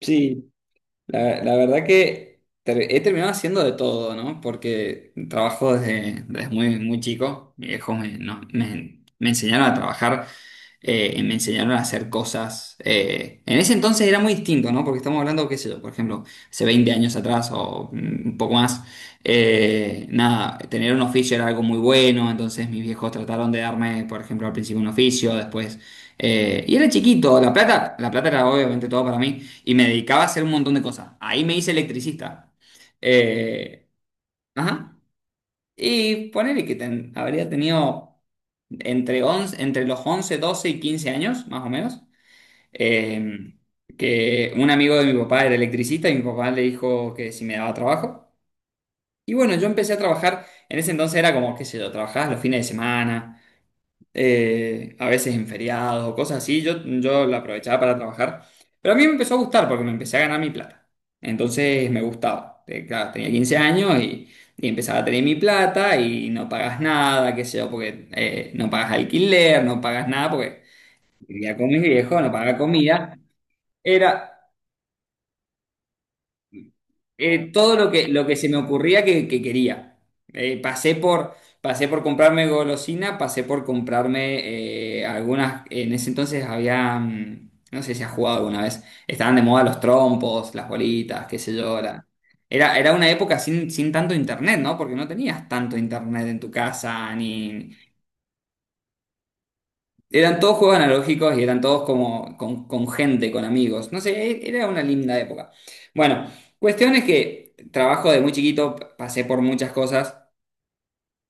Sí, la verdad que he terminado haciendo de todo, ¿no? Porque trabajo desde muy, muy chico. Mis viejos me, no- me- me enseñaron a trabajar, y me enseñaron a hacer cosas. En ese entonces era muy distinto, ¿no? Porque estamos hablando, qué sé yo, por ejemplo, hace 20 años atrás o un poco más. Nada, tener un oficio era algo muy bueno, entonces mis viejos trataron de darme, por ejemplo, al principio un oficio, después. Y era chiquito, la plata era obviamente todo para mí. Y me dedicaba a hacer un montón de cosas. Ahí me hice electricista. Eh, ajá. Y ponele que habría tenido entre los 11, 12 y 15 años, más o menos. eh, que un amigo de mi papá era electricista y mi papá le dijo que si me daba trabajo. Y bueno, yo empecé a trabajar. En ese entonces era como, qué sé yo, trabajabas los fines de semana, a veces en feriados o cosas así, yo la aprovechaba para trabajar, pero a mí me empezó a gustar porque me empecé a ganar mi plata, entonces me gustaba. Claro, tenía 15 años y empezaba a tener mi plata y no pagas nada, qué sé yo, porque no pagas alquiler, no pagas nada porque vivía con mis viejos, no pagaba comida, era todo lo que se me ocurría que quería. Eh, pasé por, pasé por comprarme golosina, pasé por comprarme algunas, en ese entonces había, no sé si has jugado alguna vez, estaban de moda los trompos, las bolitas, qué sé yo. Era una época sin tanto internet, ¿no? Porque no tenías tanto internet en tu casa, ni, eran todos juegos analógicos y eran todos como con gente, con amigos. No sé, era una linda época. Bueno, cuestión es que trabajo de muy chiquito, pasé por muchas cosas.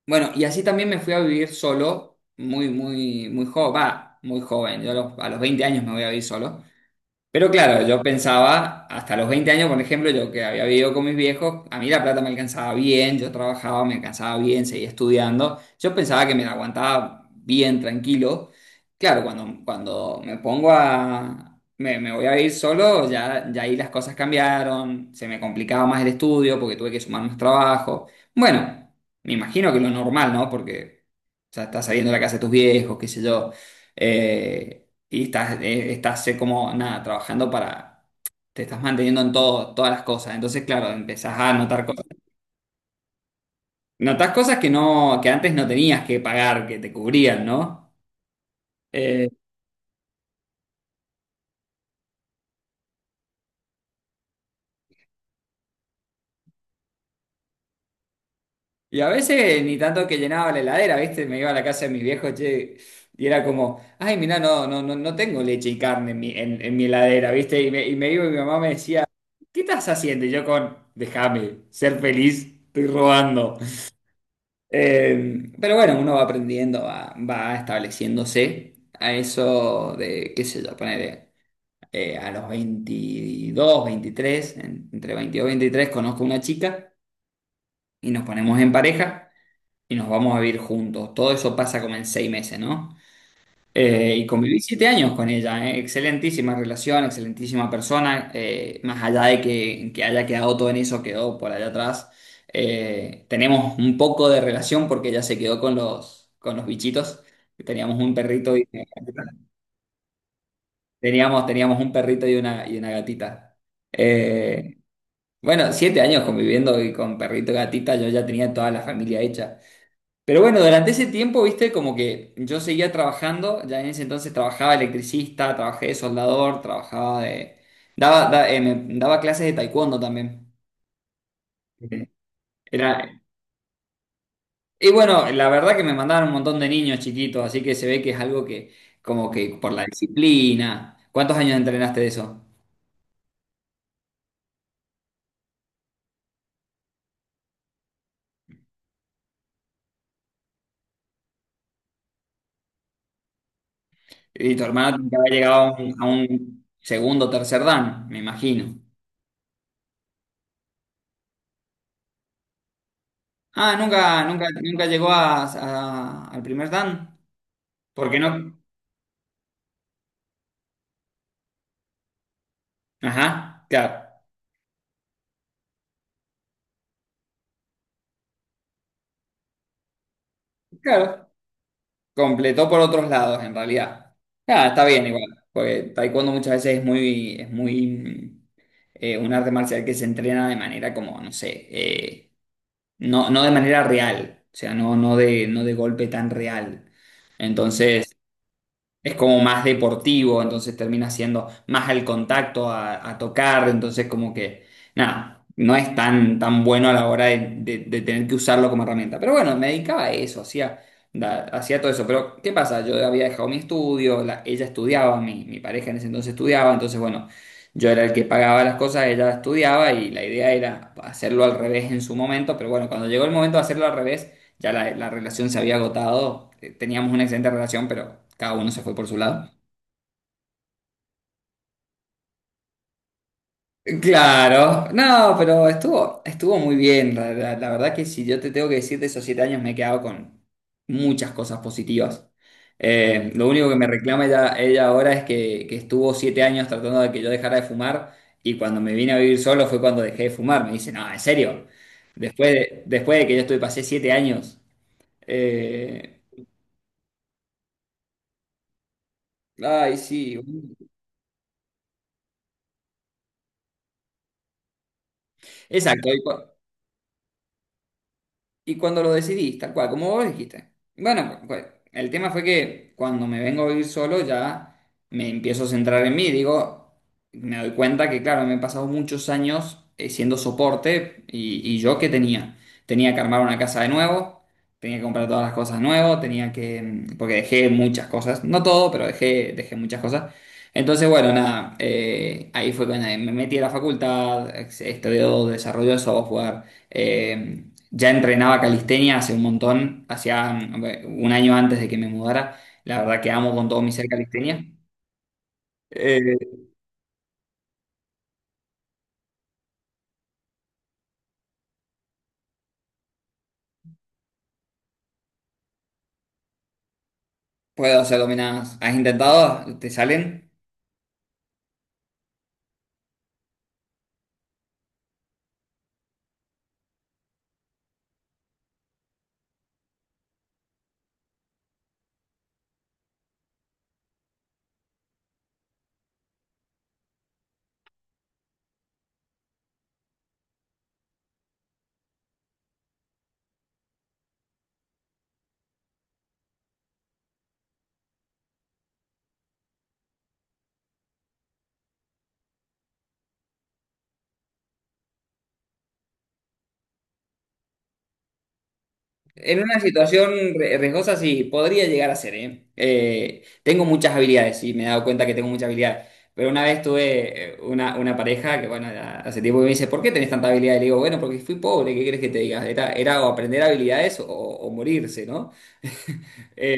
Bueno, y así también me fui a vivir solo, muy, muy, muy joven. Va, muy joven. Yo a los 20 años me voy a vivir solo. Pero claro, yo pensaba, hasta los 20 años, por ejemplo, yo que había vivido con mis viejos, a mí la plata me alcanzaba bien, yo trabajaba, me alcanzaba bien, seguía estudiando, yo pensaba que me la aguantaba bien, tranquilo. Claro, cuando me voy a ir solo, ya ahí las cosas cambiaron, se me complicaba más el estudio porque tuve que sumar más trabajo. Bueno, me imagino que lo normal, ¿no? Porque, o sea, estás saliendo de la casa de tus viejos, qué sé yo. Eh, y estás, como, nada, trabajando para. Te estás manteniendo en todo, todas las cosas. Entonces, claro, empezás a notar cosas. Notás cosas que no, que antes no tenías que pagar, que te cubrían, ¿no? Eh, y a veces ni tanto que llenaba la heladera, ¿viste? Me iba a la casa de mis viejos, che, y era como, ay, mirá, no, no, no, no tengo leche y carne en mi heladera, ¿viste? Y me iba y mi mamá me decía, ¿qué estás haciendo? Y yo con, déjame ser feliz, estoy robando. Pero bueno, uno va aprendiendo, va estableciéndose a eso de, qué sé yo, poner a los 22, 23, entre 22 y 23 conozco una chica y nos ponemos en pareja y nos vamos a vivir juntos. Todo eso pasa como en 6 meses, ¿no? Y conviví 7 años con ella. Excelentísima relación, excelentísima persona, más allá de que haya quedado todo en eso, quedó por allá atrás. Tenemos un poco de relación porque ella se quedó con los bichitos, que teníamos un perrito y una gatita. Teníamos un perrito y una gatita. Eh, bueno, 7 años conviviendo y con perrito y gatita, yo ya tenía toda la familia hecha. Pero bueno, durante ese tiempo, viste, como que yo seguía trabajando, ya en ese entonces trabajaba electricista, trabajé de soldador, trabajaba de. Daba clases de taekwondo también. Eh, Era, y bueno, la verdad que me mandaban un montón de niños chiquitos, así que se ve que es algo que, como que por la disciplina. ¿Cuántos años entrenaste de eso? Y tu hermano tiene que haber llegado a un segundo, o tercer dan, me imagino. Ah, nunca, nunca, nunca llegó al primer dan. Porque no. Ajá, claro, claro. Completó por otros lados, en realidad. Ah, está bien igual, porque taekwondo muchas veces es muy, un arte marcial que se entrena de manera como, no sé, no, no de manera real, o sea, no, no de, no de golpe tan real. Entonces, es como más deportivo, entonces termina siendo más al contacto, a tocar, entonces como que, nada, no es tan, tan bueno a la hora de tener que usarlo como herramienta. Pero bueno, me dedicaba a eso, hacía todo eso. Pero, ¿qué pasa? Yo había dejado mi estudio, ella estudiaba, mi pareja en ese entonces estudiaba, entonces bueno, yo era el que pagaba las cosas, ella estudiaba y la idea era hacerlo al revés en su momento, pero bueno, cuando llegó el momento de hacerlo al revés ya la relación se había agotado, teníamos una excelente relación, pero cada uno se fue por su lado. Claro, no, pero estuvo muy bien. La verdad que si yo te tengo que decir de esos 7 años me he quedado con muchas cosas positivas. Lo único que me reclama ella ahora es que estuvo 7 años tratando de que yo dejara de fumar y cuando me vine a vivir solo fue cuando dejé de fumar. Me dice, no, en serio, después de que yo estuve, pasé 7 años. Eh, ay, sí. Exacto. Y cuando lo decidí, tal cual, como vos dijiste. Bueno, pues, el tema fue que cuando me vengo a vivir solo ya me empiezo a centrar en mí. Digo, me doy cuenta que, claro, me he pasado muchos años, siendo soporte y yo qué tenía. Tenía que armar una casa de nuevo, tenía que comprar todas las cosas de nuevo, tenía que. Porque dejé muchas cosas, no todo, pero dejé muchas cosas. Entonces, bueno, nada, ahí fue cuando me metí a la facultad, estudié desarrollo de software. Eh, ya entrenaba calistenia hace un montón, hacía un año antes de que me mudara. La verdad que amo con todo mi ser calistenia. Eh, puedo hacer dominadas. ¿Has intentado? ¿Te salen? En una situación riesgosa sí, podría llegar a ser, ¿eh? Tengo muchas habilidades y me he dado cuenta que tengo muchas habilidades. Pero una vez tuve una pareja que, bueno, ya hace tiempo que me dice, ¿por qué tenés tanta habilidad? Y le digo, bueno, porque fui pobre, ¿qué querés que te diga? Era o aprender habilidades o morirse, ¿no? Eh,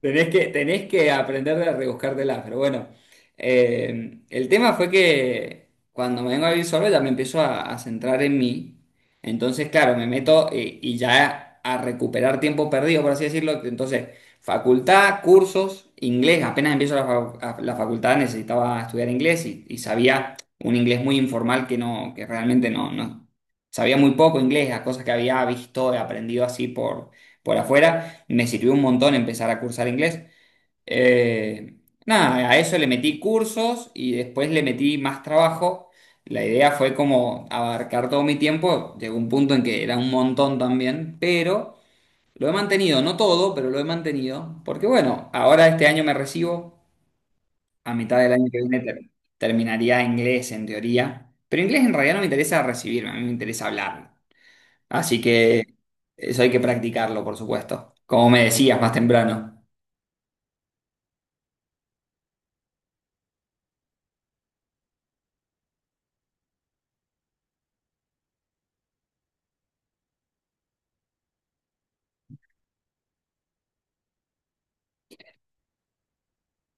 tenés que aprender de rebuscártela, pero bueno. El tema fue que cuando me vengo a vivir solo ya me empiezo a centrar en mí. Entonces, claro, me meto ya a recuperar tiempo perdido, por así decirlo. Entonces, facultad, cursos, inglés. Apenas empiezo la facultad necesitaba estudiar inglés y sabía un inglés muy informal que no, que realmente no, no. Sabía muy poco inglés, las cosas que había visto y aprendido así por afuera. Me sirvió un montón empezar a cursar inglés. Eh, nada, a eso le metí cursos y después le metí más trabajo. La idea fue como abarcar todo mi tiempo. Llegó un punto en que era un montón también, pero lo he mantenido, no todo, pero lo he mantenido. Porque bueno, ahora este año me recibo, a mitad del año que viene terminaría inglés en teoría. Pero inglés en realidad no me interesa recibirme, a mí me interesa hablarlo. Así que eso hay que practicarlo, por supuesto. Como me decías más temprano.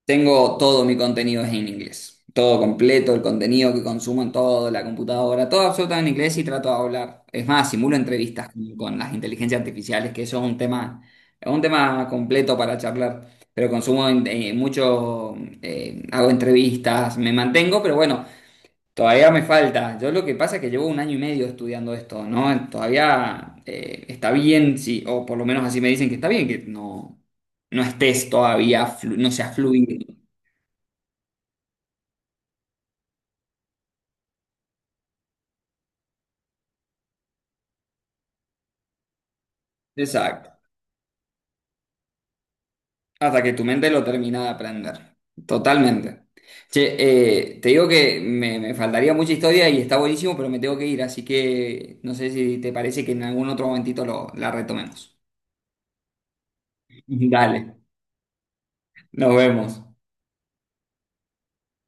Tengo todo mi contenido es en inglés. Todo completo, el contenido que consumo en todo, la computadora, todo absolutamente en inglés y trato de hablar. Es más, simulo entrevistas con las inteligencias artificiales, que eso es un tema completo para charlar. Pero consumo mucho, hago entrevistas, me mantengo, pero bueno, todavía me falta. Yo lo que pasa es que llevo un año y medio estudiando esto, ¿no? Todavía está bien, sí, o por lo menos así me dicen que está bien, que no, no estés todavía, no seas fluido. Exacto. Hasta que tu mente lo termina de aprender. Totalmente. Che, te digo que me faltaría mucha historia y está buenísimo, pero me tengo que ir, así que no sé si te parece que en algún otro momentito lo, la retomemos. Dale, nos vemos.